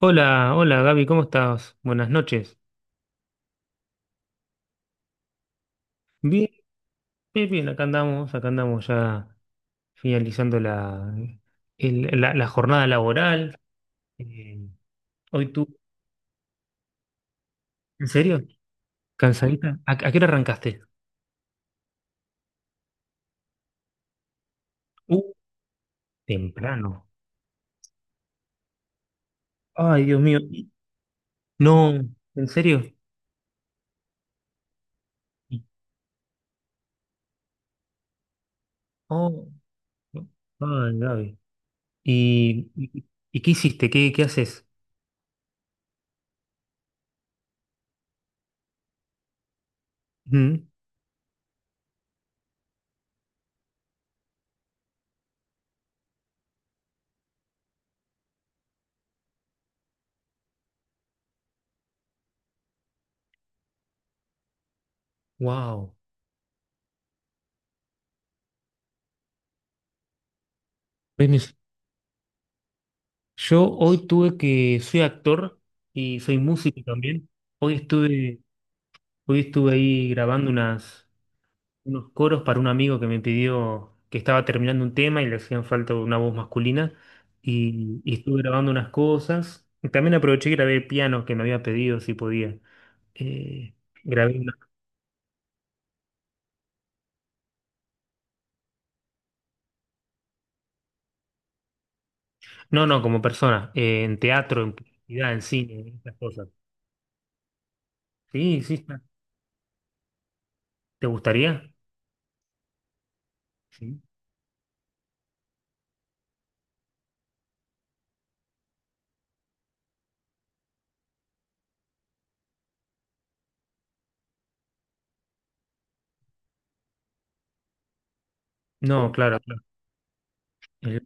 Hola, hola Gaby, ¿cómo estás? Buenas noches. Bien, bien, bien, acá andamos ya finalizando la jornada laboral. Eh, hoy tú, ¿en serio? ¿Cansadita? ¿A qué hora arrancaste? Uh, temprano. Ay, Dios mío. Y, no, ¿en serio? Y, oh, no, ay, Gaby. ¿Y, y, y qué hiciste? ¿Qué haces? Wow. Yo hoy tuve que, soy actor y soy músico también. Hoy estuve Hoy estuve ahí grabando unos coros para un amigo que me pidió que estaba terminando un tema y le hacían falta una voz masculina. Y estuve grabando unas cosas. Y también aproveché y grabé piano que me había pedido si podía. Eh, grabé una. No, no, como persona, en teatro, en publicidad, en cine, en estas cosas. Sí, está. ¿Te gustaría? Sí. No, claro, claro. El...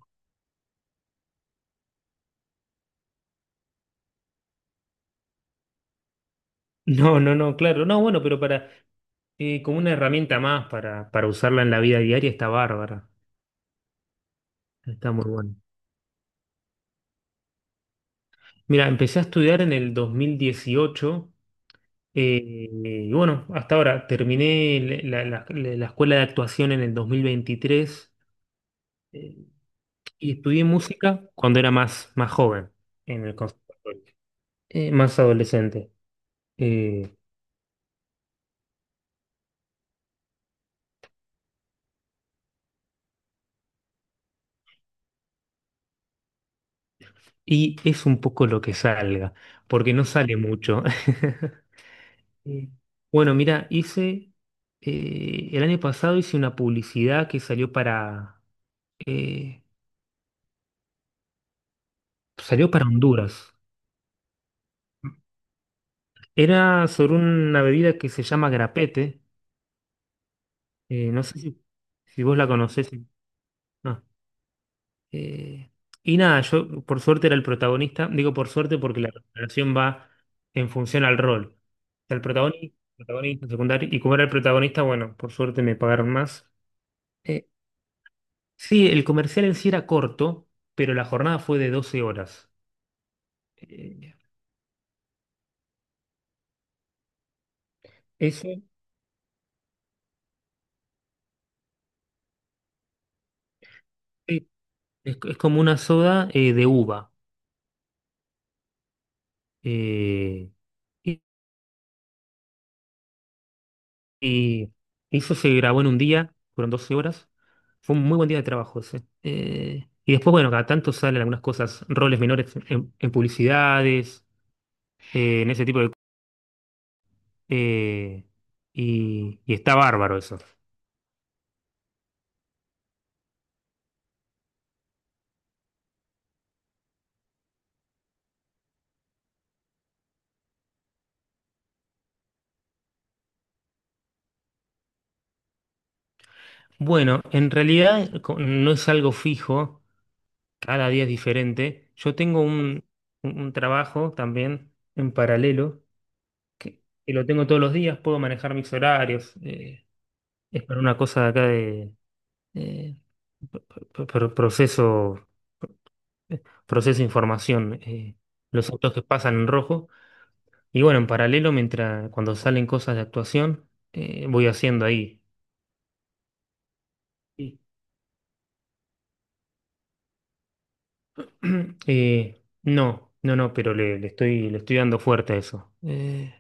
No, no, no, claro. No, bueno, pero como una herramienta más para usarla en la vida diaria está bárbara. Está muy bueno. Mira, empecé a estudiar en el 2018, y bueno, hasta ahora terminé la escuela de actuación en el 2023. eh, y estudié música cuando era más joven en el conservatorio, más adolescente. eh, y es un poco lo que salga, porque no sale mucho. Sí. Bueno, mira, el año pasado hice una publicidad que eh, salió para Honduras. Era sobre una bebida que se llama grapete. No sé si vos la conocés. No. Eh, y nada, yo por suerte era el protagonista. Digo por suerte porque la relación va en función al rol. O sea, el protagonista, protagonista, secundario. Y como era el protagonista, bueno, por suerte me pagaron más. Eh, sí, el comercial en sí era corto, pero la jornada fue de doce horas. Eh, eso eh, es como una soda de uva. Eh, Y eso se grabó en un día, fueron 12 horas. Fue un muy buen día de trabajo ese. Y después, bueno, cada tanto salen algunas cosas, roles menores en publicidades, en ese tipo de... eh, y está bárbaro eso. Bueno, en realidad no es algo fijo, cada día es diferente. Yo tengo un trabajo también en paralelo, que lo tengo todos los días, puedo manejar mis horarios. Es para una cosa de acá. eh, pro- Proceso, proceso información, los autos que pasan en rojo. Y bueno, en paralelo, mientras cuando salen cosas de actuación, voy haciendo ahí. Y, no, pero le le estoy dando fuerte a eso.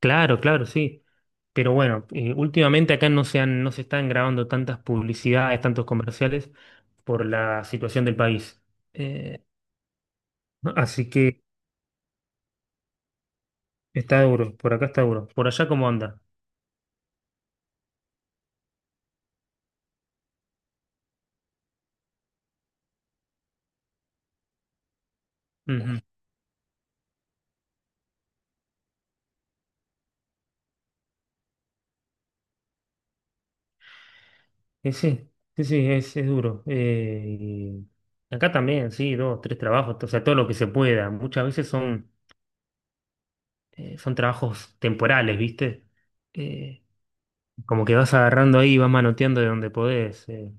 Claro, claro, sí. Pero bueno, últimamente acá no se están grabando tantas publicidades, tantos comerciales por la situación del país. Eh, Así que... Está duro, por acá está duro. ¿Por allá cómo anda? Ujú. Eh, sí, sí, sí, es duro. Y acá también, sí, dos, tres trabajos, o sea, todo lo que se pueda. Muchas veces son trabajos temporales, ¿viste? Eh, Como que vas agarrando ahí y vas manoteando de donde podés.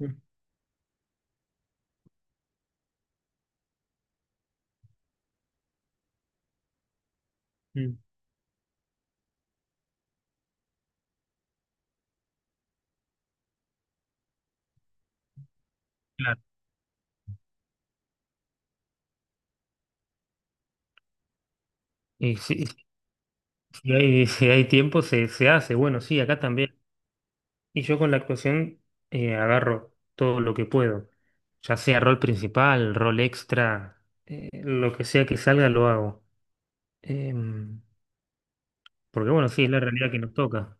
Mm, mm. Claro. Y si si hay tiempo, se hace. Bueno, sí, acá también. Y yo con la actuación, agarro todo lo que puedo, ya sea rol principal, rol extra, lo que sea que salga lo hago. Em, Porque bueno, sí, es la realidad que nos toca.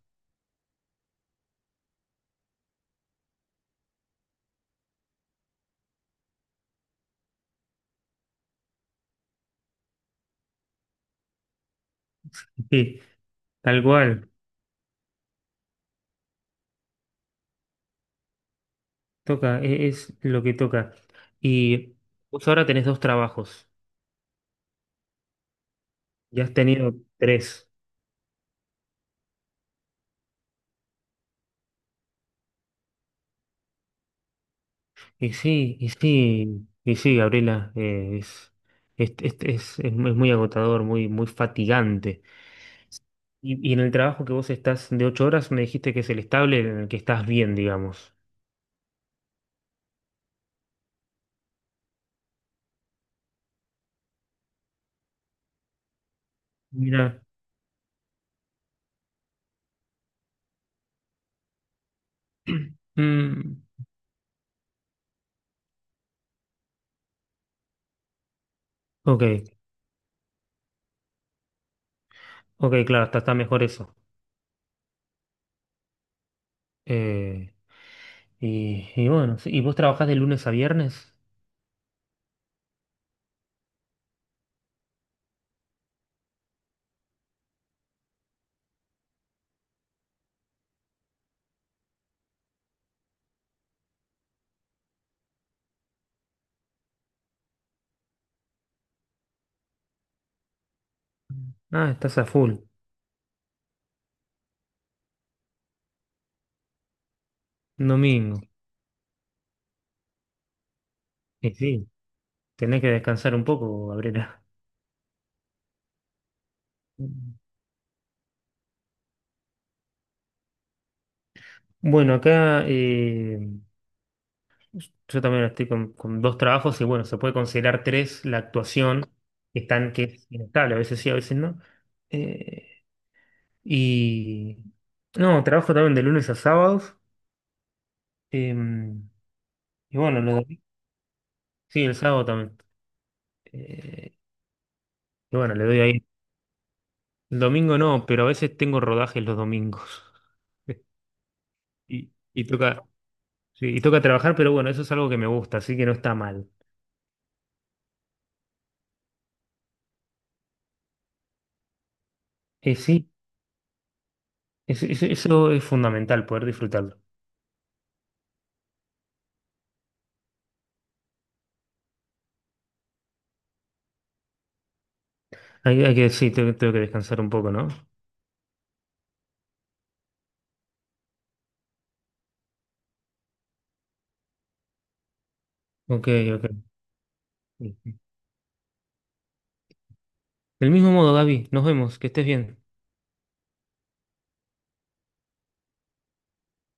Sí, tal cual, toca, es, lo que toca. Y vos ahora tenés dos trabajos, ya has tenido tres. Gabriela, es muy, es muy agotador, muy, muy fatigante. Y en el trabajo que vos estás de ocho horas, me dijiste que es el estable en el que estás bien, digamos. Mira. Mm, ok, ok, claro, está, está mejor eso. Eh, y bueno, sí, ¿y vos trabajás de lunes a viernes? Ah, estás a full, domingo. Y sí, tenés que descansar un poco, Gabriela. Bueno, acá yo también estoy con dos trabajos y bueno, se puede considerar tres la actuación, que es inestable, a veces sí, a veces no. Eh, Y no, trabajo también de lunes a sábados. em, y bueno, sí, el sábado también. Eh, y bueno, le doy ahí. El domingo no, pero a veces tengo rodajes los domingos. Y toca, sí, y toca trabajar, pero bueno, eso es algo que me gusta, así que no está mal. Sí, eso es fundamental, poder disfrutarlo. Sí, tengo que descansar un poco, ¿no? Ok, ok. Del mismo modo, Gaby, nos vemos, que estés bien.